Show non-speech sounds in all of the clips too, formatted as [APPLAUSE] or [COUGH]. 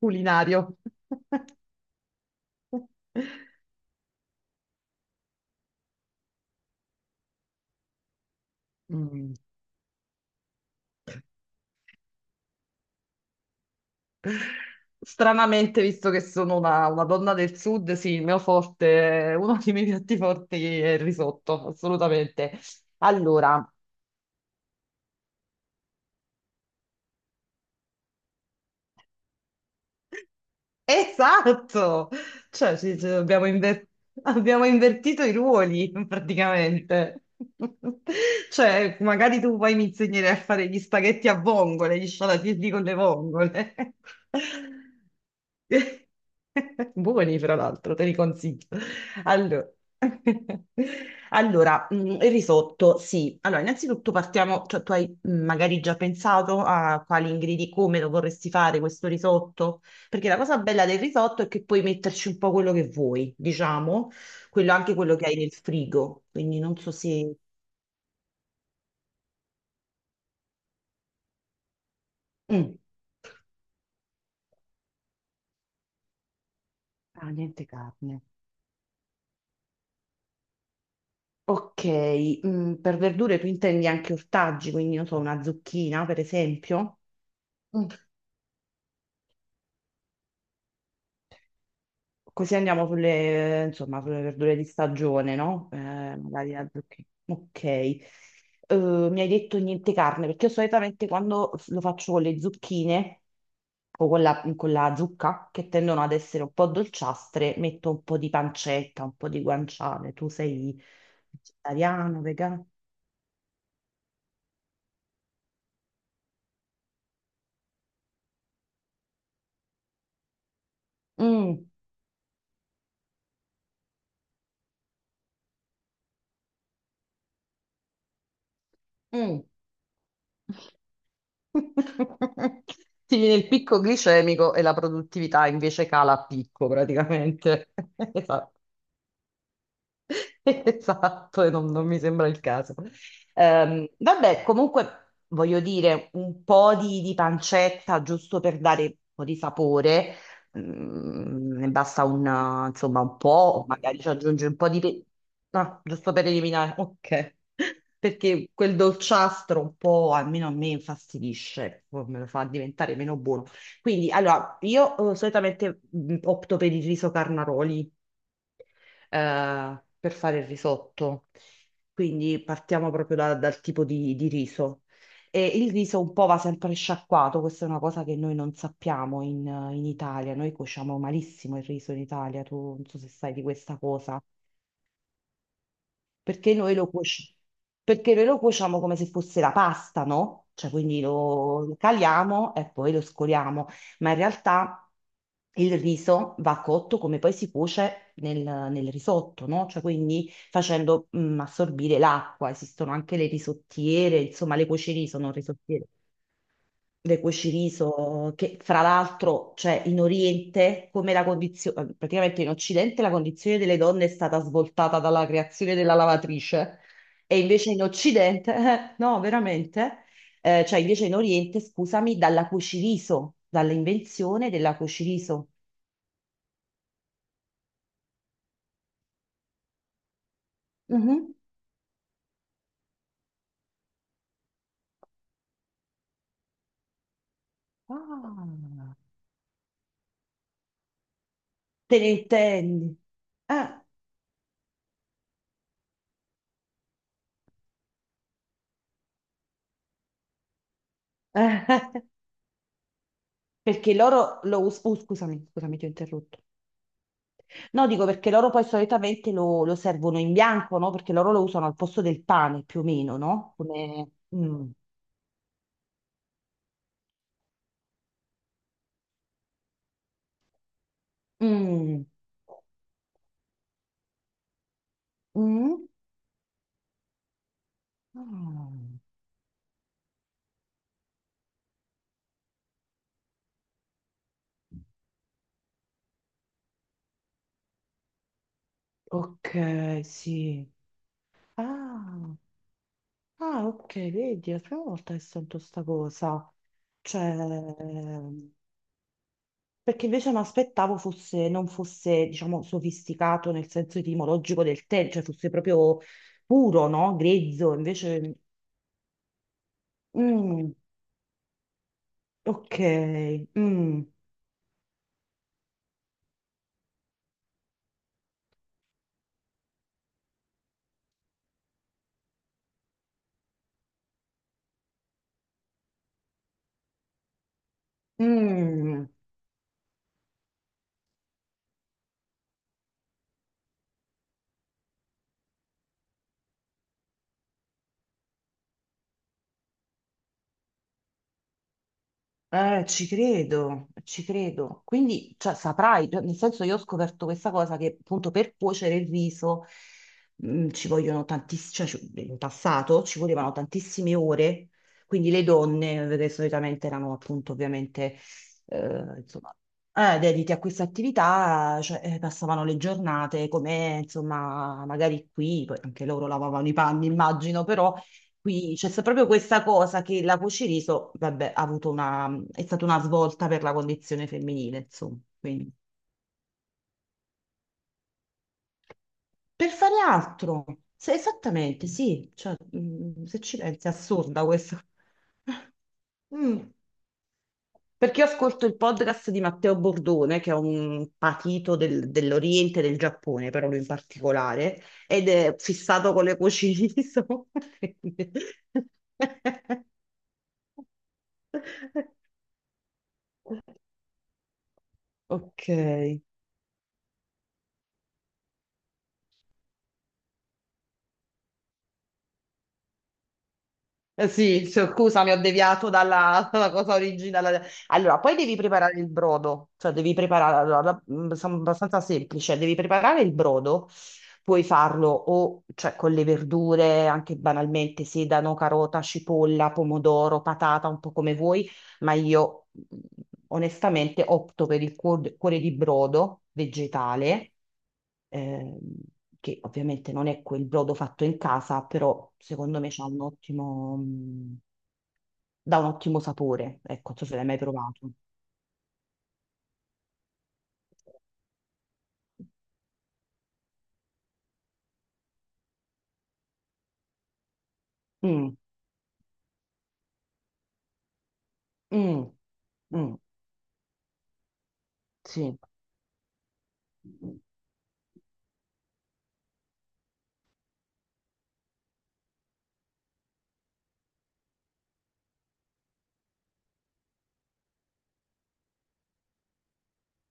Culinario. Mm. Stranamente, visto che sono una donna del sud, sì, il mio forte, uno dei miei piatti forti è il risotto, assolutamente. Allora, esatto, cioè ci abbiamo, abbiamo invertito i ruoli praticamente. [LAUGHS] Cioè, magari tu poi mi insegnerai a fare gli spaghetti a vongole, gli scialatielli con le vongole. [LAUGHS] Buoni, fra l'altro, te li consiglio. Allora, [LAUGHS] allora, il risotto, sì. Allora, innanzitutto partiamo, cioè tu hai magari già pensato a quali ingredienti, come lo vorresti fare questo risotto? Perché la cosa bella del risotto è che puoi metterci un po' quello che vuoi, diciamo, quello, anche quello che hai nel frigo. Quindi non so se... Mm. Ah, niente carne. Ok, per verdure tu intendi anche ortaggi, quindi non so, una zucchina per esempio. Mm. Così andiamo insomma, sulle verdure di stagione, no? Magari la zucchina. Ok. Mi hai detto niente carne, perché io solitamente quando lo faccio con le zucchine... o con la zucca, che tendono ad essere un po' dolciastre, metto un po' di pancetta, un po' di guanciale. Tu sei vegetariano, vegano? Mm, mm. [LAUGHS] Ti viene il picco glicemico e la produttività invece cala a picco praticamente. [LAUGHS] Esatto. [LAUGHS] Esatto, e non mi sembra il caso. Vabbè, comunque voglio dire un po' di pancetta giusto per dare un po' di sapore. Ne basta insomma, un po', magari ci aggiungi un po' di... No, giusto per eliminare, ok. [LAUGHS] Perché quel dolciastro un po', almeno a me, infastidisce, poi me lo fa diventare meno buono. Quindi, allora, io solitamente opto per il riso carnaroli per fare il risotto. Quindi partiamo proprio dal tipo di riso. E il riso un po' va sempre sciacquato, questa è una cosa che noi non sappiamo in Italia, noi cuociamo malissimo il riso in Italia, tu non so se sai di questa cosa perché noi lo cuoci- perché noi lo cuociamo come se fosse la pasta, no? Cioè, quindi lo caliamo e poi lo scoliamo, ma in realtà il riso va cotto come poi si cuoce nel risotto, no? Cioè, quindi facendo assorbire l'acqua. Esistono anche le risottiere, insomma, le cuocerie sono risottiere. Le cuociriso, che fra l'altro, cioè in Oriente, come la condizione, praticamente in Occidente la condizione delle donne è stata svoltata dalla creazione della lavatrice, e invece in Occidente, [LAUGHS] no, veramente, cioè invece in Oriente, scusami, dalla cuciriso, dall'invenzione della cuciriso. Mhm. Ah. Te ne intendi? Ah. [LAUGHS] Perché scusami, scusami, ti ho interrotto. No, dico perché loro poi solitamente lo servono in bianco, no? Perché loro lo usano al posto del pane, più o meno, no? Come... Mm. Mm. Mm. Ah, ok, sì. Ah, ah, ok, vedi, è la prima volta che sento sta cosa. Cioè, perché invece mi aspettavo fosse, non fosse, diciamo, sofisticato nel senso etimologico del termine, cioè fosse proprio puro, no? Grezzo, invece... Mm. Ok, mm, mm, ci credo, ci credo. Quindi, cioè, saprai, cioè, nel senso io ho scoperto questa cosa che appunto per cuocere il riso ci vogliono tantissime, in passato ci volevano tantissime ore, quindi le donne, che solitamente erano appunto ovviamente, eh, insomma, dedite a questa attività, cioè, passavano le giornate come, insomma, magari qui, poi anche loro lavavano i panni, immagino, però qui proprio questa cosa che la cuciriso, vabbè, ha avuto una, è stata una svolta per la condizione femminile, insomma. Quindi, per fare altro, esattamente, sì, cioè, se ci pensi, è assurda questa. Mm. Perché io ascolto il podcast di Matteo Bordone, che è un patito dell'Oriente, del Giappone, però lui in particolare, ed è fissato con le cucine. [LAUGHS] Ok. Eh sì, cioè, scusami, ho deviato dalla, [LAUGHS] dalla cosa originale. Allora, poi devi preparare il brodo, cioè devi preparare, allora, sono abbastanza semplice, devi preparare il brodo, puoi farlo o cioè, con le verdure, anche banalmente, sedano, carota, cipolla, pomodoro, patata, un po' come vuoi, ma io onestamente opto per il cuore di brodo vegetale, ehm, che ovviamente non è quel brodo fatto in casa, però secondo me c'ha un ottimo, dà un ottimo sapore. Ecco, non so se l'hai mai provato. Mm, mm, mm, sì.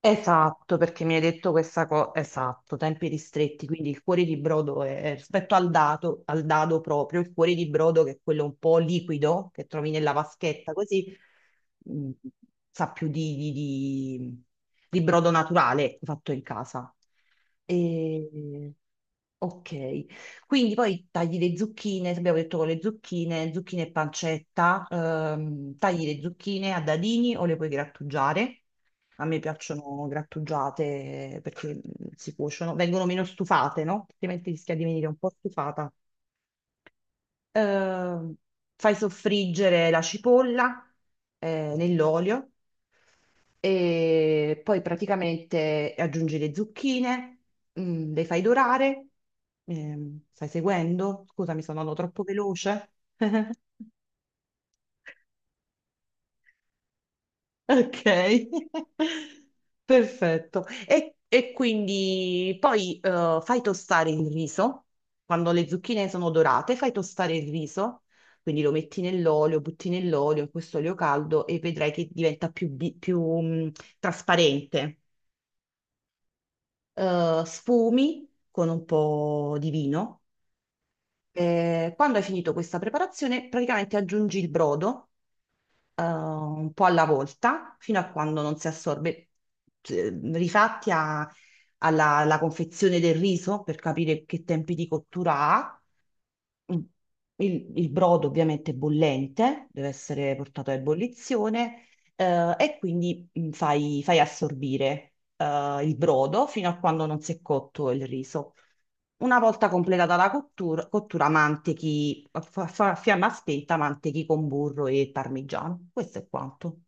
Esatto, perché mi hai detto questa cosa, esatto, tempi ristretti, quindi il cuore di brodo è rispetto al dado proprio, il cuore di brodo che è quello un po' liquido che trovi nella vaschetta, così mh, sa più di brodo naturale fatto in casa. E... Ok, quindi poi tagli le zucchine, abbiamo detto con le zucchine, zucchine e pancetta, tagli le zucchine a dadini o le puoi grattugiare. A me piacciono grattugiate perché si cuociono, vengono meno stufate, no? Altrimenti rischia di venire un po' stufata. eh, Fai soffriggere la cipolla nell'olio e poi praticamente aggiungi le zucchine, le fai dorare. Stai seguendo? Scusa, mi sono andato troppo veloce. [LAUGHS] Ok, [LAUGHS] perfetto. E quindi poi fai tostare il riso, quando le zucchine sono dorate, fai tostare il riso, quindi lo metti nell'olio, butti nell'olio, in questo olio caldo e vedrai che diventa più trasparente. Sfumi con un po' di vino. Quando hai finito questa preparazione, praticamente aggiungi il brodo un po' alla volta fino a quando non si assorbe, rifatti alla confezione del riso per capire che tempi di cottura ha il, il brodo. Ovviamente è bollente, deve essere portato a ebollizione, e quindi fai assorbire, il brodo fino a quando non si è cotto il riso. Una volta completata la cottura, mantechi a fiamma spenta, mantechi con burro e parmigiano. Questo è quanto.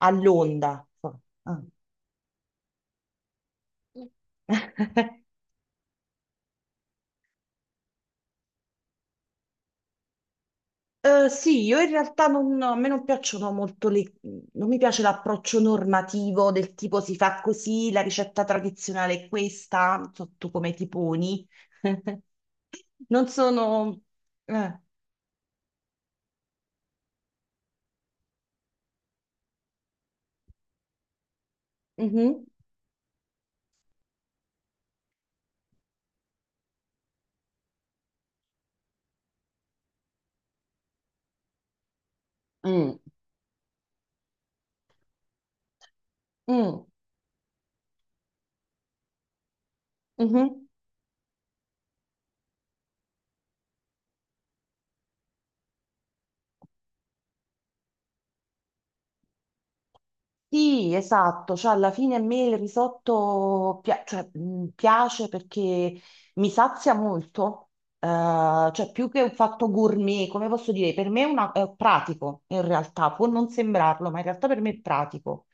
All'onda. Ah. [LAUGHS] Eh sì, io in realtà non, a me non piacciono molto le, non mi piace l'approccio normativo del tipo si fa così, la ricetta tradizionale è questa, non so tu come ti poni. [LAUGHS] Non sono... eh, mhm, mm. Mm, mhm. Sì, esatto, cioè alla fine a me il risotto cioè, piace perché mi sazia molto, eh, cioè più che un fatto gourmet, come posso dire, per me è, è pratico in realtà, può non sembrarlo, ma in realtà per me è pratico,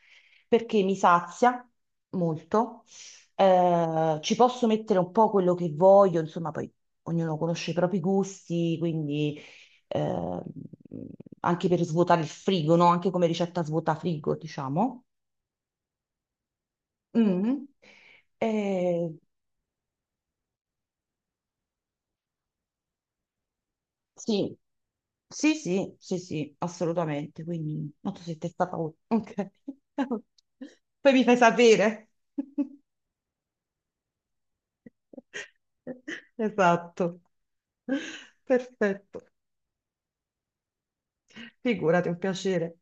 perché mi sazia molto, ci posso mettere un po' quello che voglio, insomma poi ognuno conosce i propri gusti, quindi eh, anche per svuotare il frigo, no? Anche come ricetta svuota frigo, diciamo. Mm. Eh sì, sì, sì, sì, sì, assolutamente. Quindi, no, tu sei testa paura. Ok. [LAUGHS] Poi mi fai sapere. [LAUGHS] Esatto. Perfetto. Figurati, è un piacere.